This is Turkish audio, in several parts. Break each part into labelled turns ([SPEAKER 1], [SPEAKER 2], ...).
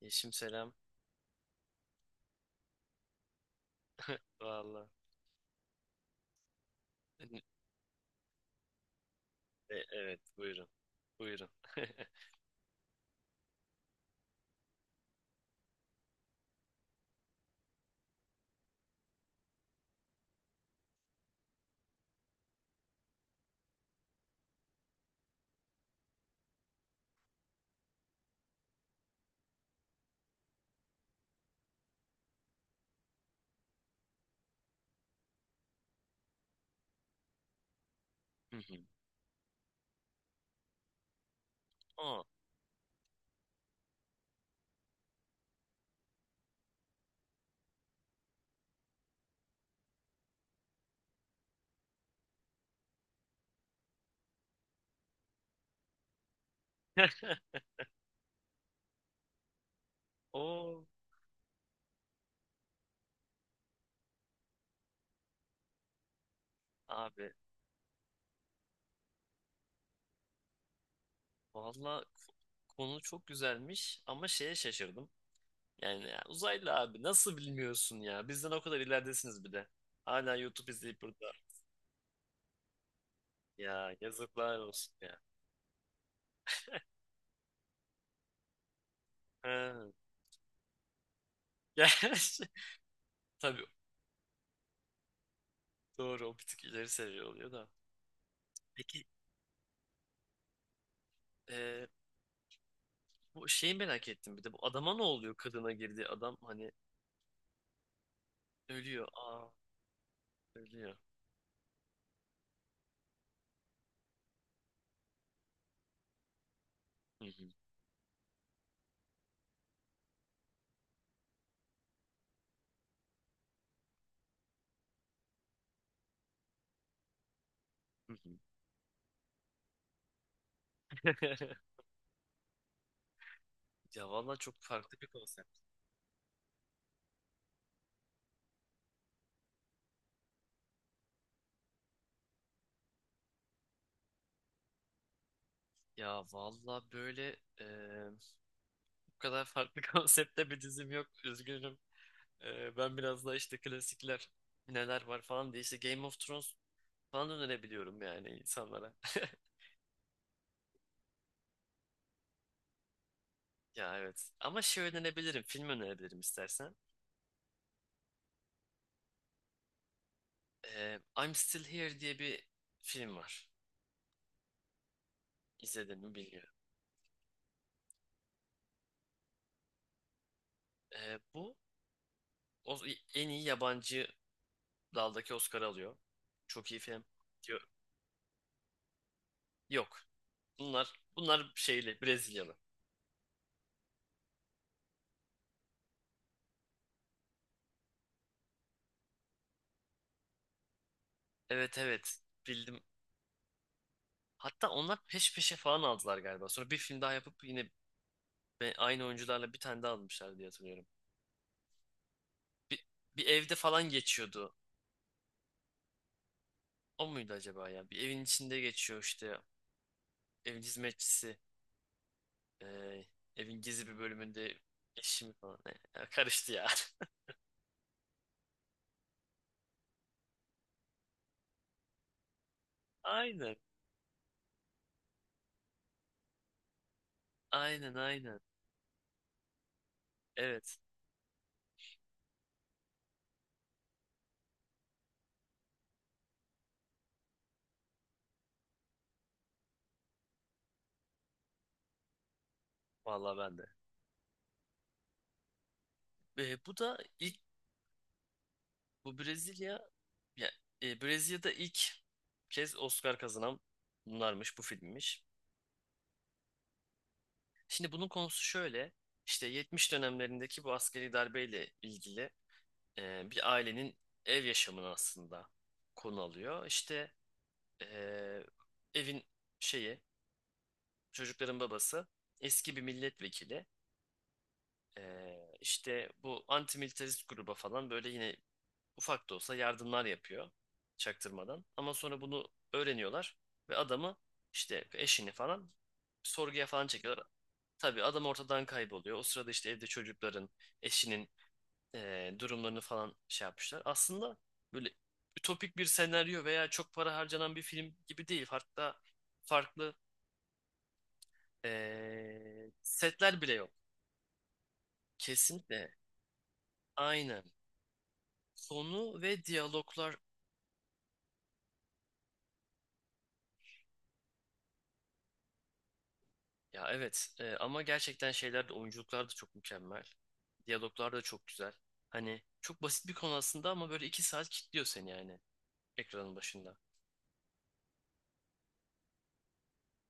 [SPEAKER 1] Yeşim selam. Valla. Evet buyurun. Buyurun. Hı hı. Aa. Oo abi. Valla konu çok güzelmiş ama şeye şaşırdım. Yani ya, uzaylı abi nasıl bilmiyorsun ya? Bizden o kadar ileridesiniz bir de. Hala YouTube izleyip burada. Ya yazıklar olsun ya. Ha. Ya, şey- tabii doğru o bir tık ileri seviye oluyor da. Peki e, bu şeyi merak ettim bir de bu adama ne oluyor, kadına girdiği adam hani ölüyor. Aa. Söylüyor. Hı hı, hı hı. Ya valla çok farklı bir konsept. Ya valla böyle bu kadar farklı konseptte bir dizim yok. Üzgünüm. Ben biraz daha işte klasikler neler var falan diye işte Game of Thrones falan önerebiliyorum yani insanlara. Ya evet. Ama şey önerebilirim. Film önerebilirim istersen. I'm Still Here diye bir film var. İzledin mi bilmiyorum. Bu o, en iyi yabancı daldaki Oscar alıyor. Çok iyi film. Yok. Bunlar şeyli, Brezilyalı. Evet evet, bildim. Hatta onlar peş peşe falan aldılar galiba. Sonra bir film daha yapıp yine aynı oyuncularla bir tane daha almışlar diye hatırlıyorum. Bir, bir evde falan geçiyordu. O muydu acaba ya? Bir evin içinde geçiyor işte. Evin hizmetçisi, eee, evin gizli bir bölümünde eşimi falan. Ne? Ya karıştı ya. Aynen. Aynen aynen. Evet. Vallahi ben de. Ve bu da ilk, bu Brezilya. Ya, Brezilya'da ilk kez Oscar kazanan bunlarmış, bu filmmiş. Şimdi bunun konusu şöyle. İşte 70 dönemlerindeki bu askeri darbeyle ilgili bir ailenin ev yaşamını aslında konu alıyor. İşte e, evin şeyi, çocukların babası eski bir milletvekili. İşte bu antimilitarist gruba falan böyle yine ufak da olsa yardımlar yapıyor çaktırmadan. Ama sonra bunu öğreniyorlar ve adamı işte, eşini falan sorguya falan çekiyorlar. Tabii adam ortadan kayboluyor. O sırada işte evde çocukların, eşinin durumlarını falan şey yapmışlar. Aslında böyle ütopik bir senaryo veya çok para harcanan bir film gibi değil. Hatta farklı setler bile yok. Kesinlikle aynı. Sonu ve diyaloglar, ya evet, ama gerçekten şeyler de oyunculuklar da çok mükemmel. Diyaloglar da çok güzel. Hani çok basit bir konu aslında ama böyle 2 saat kilitliyor seni yani, ekranın başında.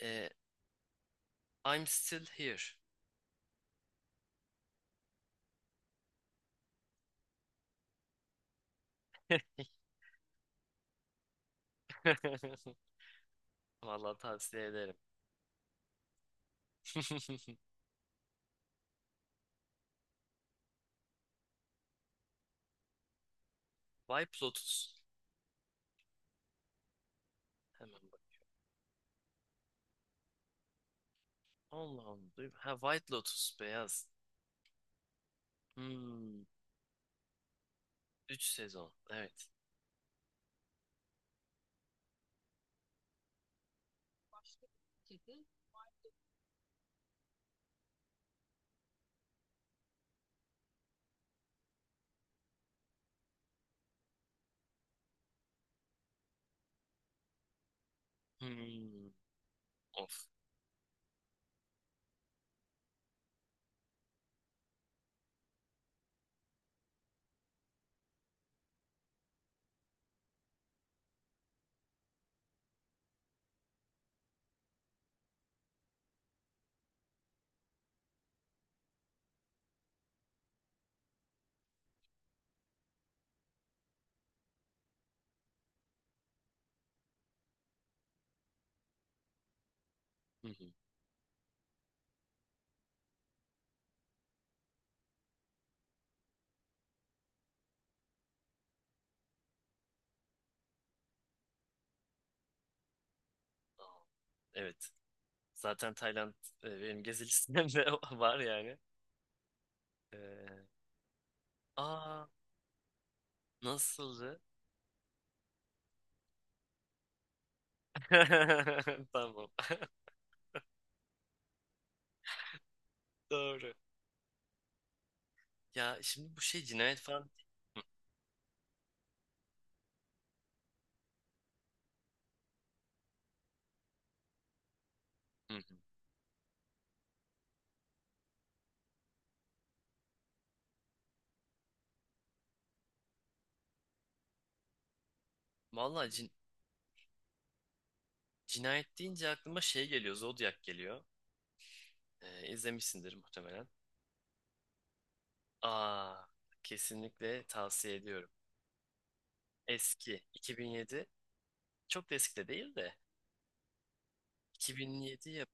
[SPEAKER 1] E, I'm still here. Vallahi tavsiye ederim. White Lotus. Hemen bak. Allah Allah. Ha, White Lotus beyaz. Hmm. 3 sezon. Evet. Hmm. Of. Hı hı. Aa, evet. Zaten Tayland benim gezi listemde var yani. Ee, Aa, nasıldı? Tamam. Doğru. Ya şimdi bu şey, cinayet falan. Hı, hı, hı. Vallahi cinayet deyince aklıma şey geliyor. Zodiac geliyor. İzlemişsindir muhtemelen. Aa, kesinlikle tavsiye ediyorum. Eski, 2007. Çok da eski de değil de, 2007 yap.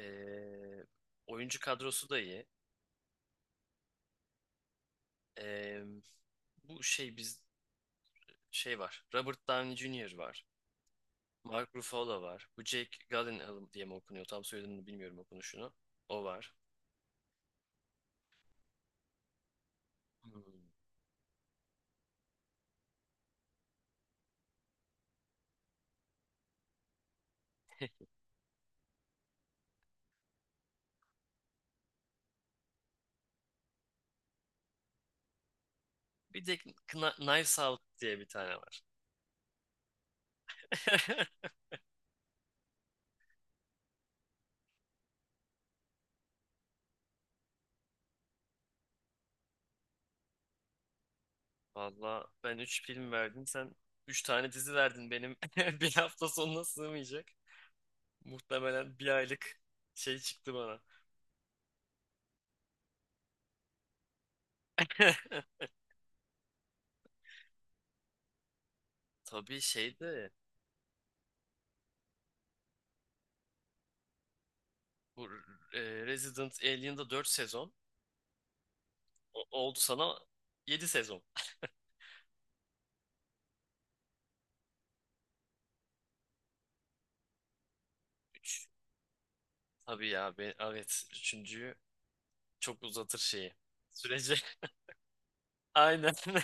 [SPEAKER 1] Ee, Oyuncu kadrosu da iyi. Ee, Bu şey biz, şey var. Robert Downey Jr. var. Mark Ruffalo var. Bu Jake Gyllenhaal diye mi okunuyor? Tam soyadını bilmiyorum okunuşunu. O var. Hmm. Bir de Knives Out diye bir tane var. Valla ben 3 film verdim. Sen 3 tane dizi verdin benim. Bir hafta sonuna sığmayacak. Muhtemelen bir aylık şey çıktı bana. Tabii şeydi. Bu e, Resident Alien'da 4 sezon. Oldu sana 7 sezon. Tabii ya be, evet üçüncüyü çok uzatır şeyi sürece. Aynen.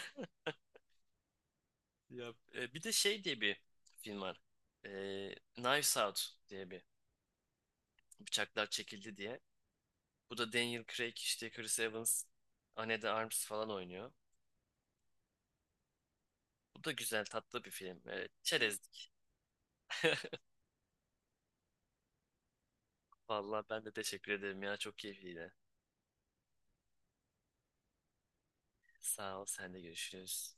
[SPEAKER 1] Ya, bir de şey diye bir film var. E, Knives Out diye bir, bıçaklar çekildi diye. Bu da Daniel Craig işte, Chris Evans, Anne de Arms falan oynuyor. Bu da güzel, tatlı bir film. Çerezlik. Vallahi ben de teşekkür ederim ya, çok keyifliydi. Sağ ol, sen de görüşürüz.